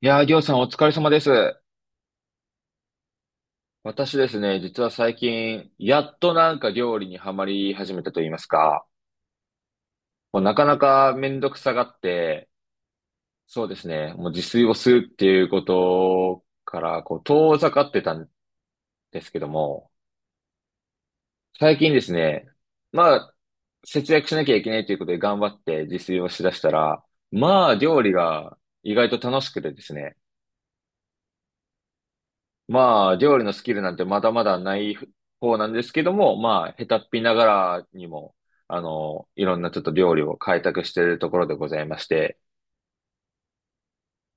いやー、りょうさんお疲れ様です。私ですね、実は最近、やっと料理にはまり始めたと言いますか、もうなかなかめんどくさがって、そうですね、もう自炊をするっていうことから、こう、遠ざかってたんですけども、最近ですね、まあ、節約しなきゃいけないということで頑張って自炊をしだしたら、まあ、料理が意外と楽しくてですね、まあ、料理のスキルなんてまだまだない方なんですけども、まあ、下手っぴながらにも、いろんなちょっと料理を開拓しているところでございまして、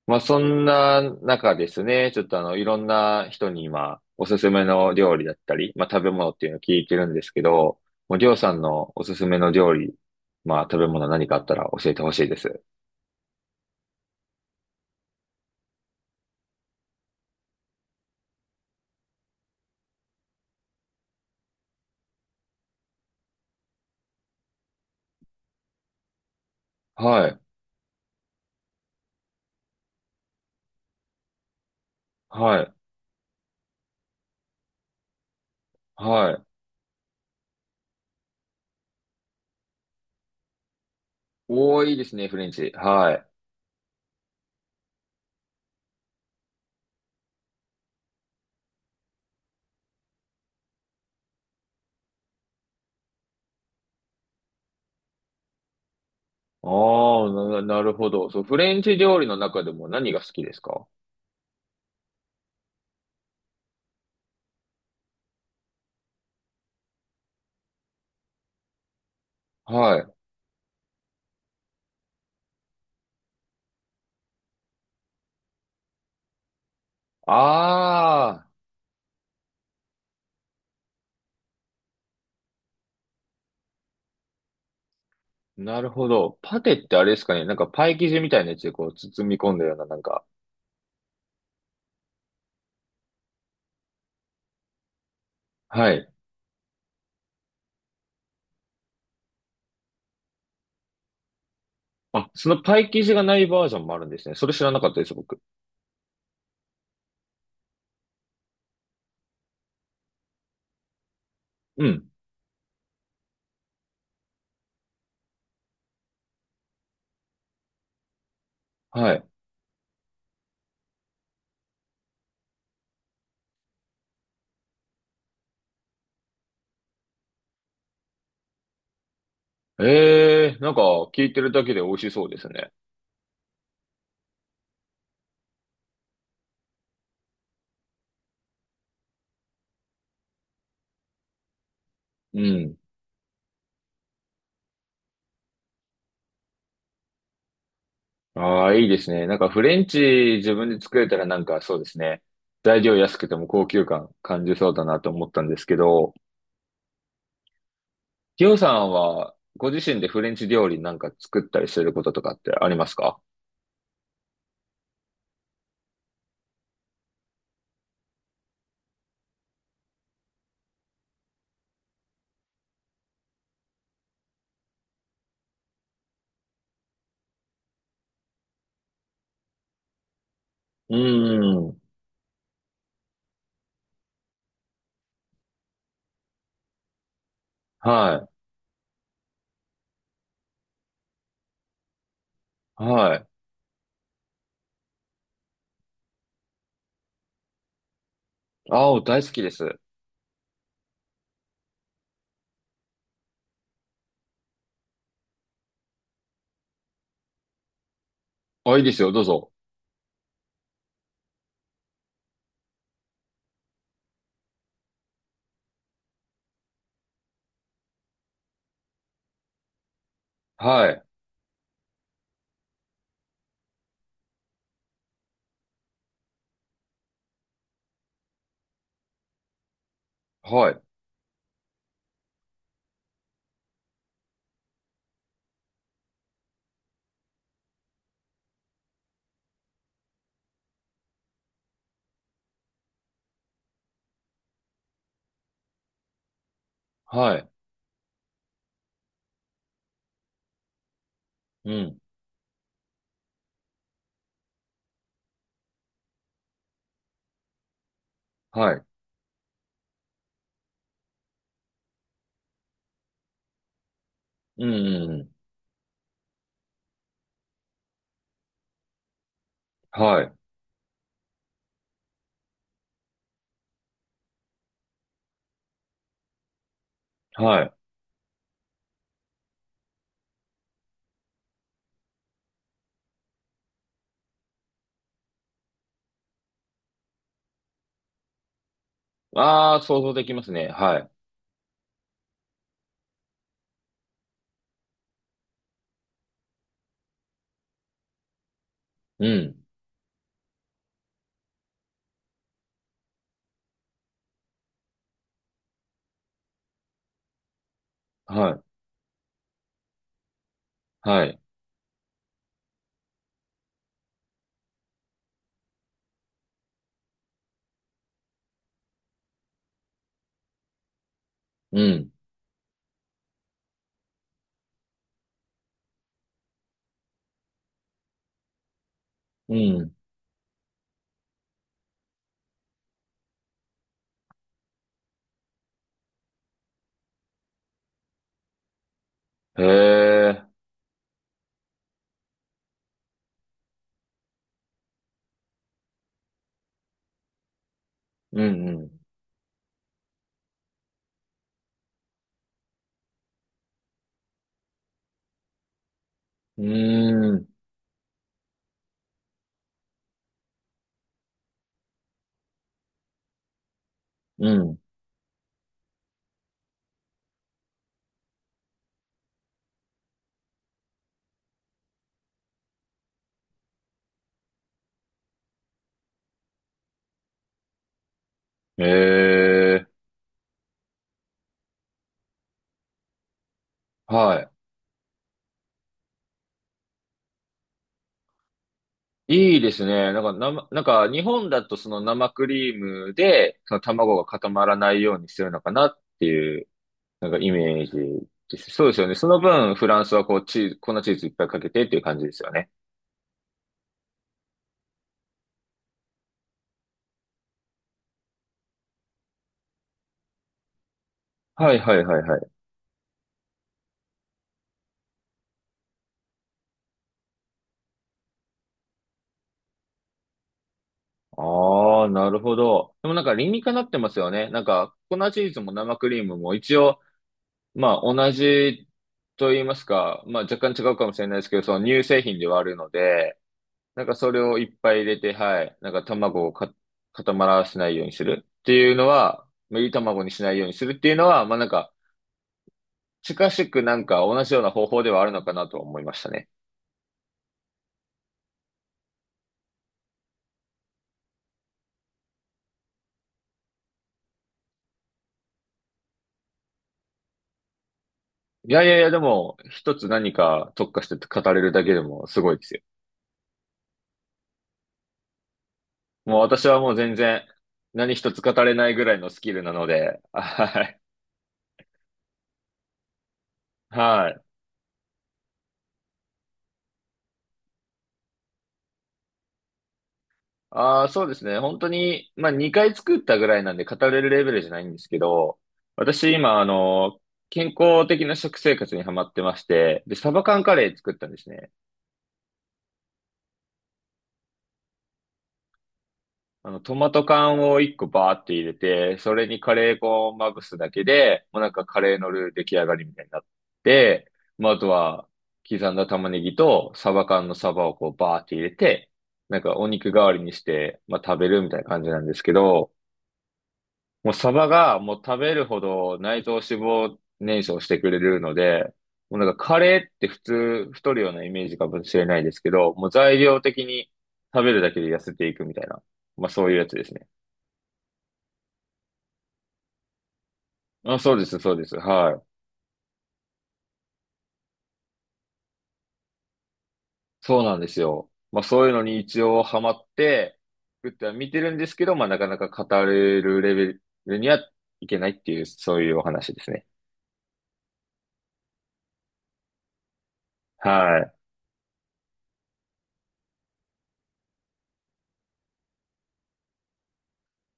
まあ、そんな中ですね、ちょっといろんな人に今、おすすめの料理だったり、まあ、食べ物っていうのを聞いてるんですけど、もう、りょうさんのおすすめの料理、まあ、食べ物何かあったら教えてほしいです。はい、はい、はい。多いですね、フレンチ。はい。ああ、なるほど。そう、フレンチ料理の中でも何が好きですか？はい。ああ、なるほど。パテってあれですかね。なんかパイ生地みたいなやつでこう包み込んだような、なんか。はい。あ、そのパイ生地がないバージョンもあるんですね。それ知らなかったです、僕。うん。はい。ええ、なんか聞いてるだけで美味しそうですね。うん。ああ、いいですね。なんかフレンチ自分で作れたらなんかそうですね。材料安くても高級感感じそうだなと思ったんですけど。りょうさんは、ご自身でフレンチ料理なんか作ったりすることとかってありますか？うーん。はい。はい。青大好きです。あ、いいですよ。どうぞ。はい。はい。はい。うん。はい。うん。うんうん。はい。はい。ああ、想像できますね。はい。うん。はい。はい。うん。うん。へえ。うん。うん。うーん。うん。へえ。はい。いいですね。なんか、なんか日本だとその生クリームで、その卵が固まらないようにしてるのかなっていう、なんかイメージです。そうですよね。その分、フランスはこうチーズ、粉チーズいっぱいかけてっていう感じですよね。はいはいはいはい。ああ、なるほど。でもなんか理にかなってますよね。なんか、粉チーズも生クリームも一応、まあ同じと言いますか、まあ若干違うかもしれないですけど、その乳製品ではあるので、なんかそれをいっぱい入れて、はい。なんか卵を固まらせないようにするっていうのは、まあいい卵にしないようにするっていうのは、まあなんか近しくなんか同じような方法ではあるのかなとは思いましたね。いやいやいや、でも一つ何か特化して語れるだけでもすごいですよ。もう私はもう全然何一つ語れないぐらいのスキルなので、はい。はい。ああ、そうですね。本当に、まあ、2回作ったぐらいなんで語れるレベルじゃないんですけど、私今、あの、健康的な食生活にハマってまして、で、サバ缶カレー作ったんですね。あの、トマト缶を1個バーって入れて、それにカレー粉をまぶすだけで、もうなんかカレーのルー出来上がりみたいになって、まあ、あとは、刻んだ玉ねぎとサバ缶のサバをこうバーって入れて、なんかお肉代わりにして、まあ、食べるみたいな感じなんですけど、もうサバがもう食べるほど内臓脂肪燃焼してくれるので、もうなんかカレーって普通太るようなイメージかもしれないですけど、もう材料的に食べるだけで痩せていくみたいな。まあそういうやつですね。あ、そうです、そうです。はい。そうなんですよ。まあそういうのに一応ハマって作っては見てるんですけど、まあなかなか語れるレベルにはいけないっていう、そういうお話ですね。はい。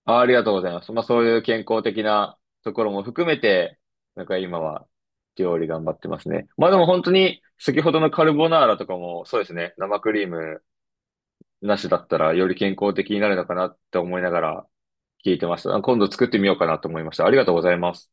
あ、ありがとうございます。まあそういう健康的なところも含めて、なんか今は料理頑張ってますね。まあでも本当に先ほどのカルボナーラとかもそうですね。生クリームなしだったらより健康的になるのかなって思いながら聞いてました。今度作ってみようかなと思いました。ありがとうございます。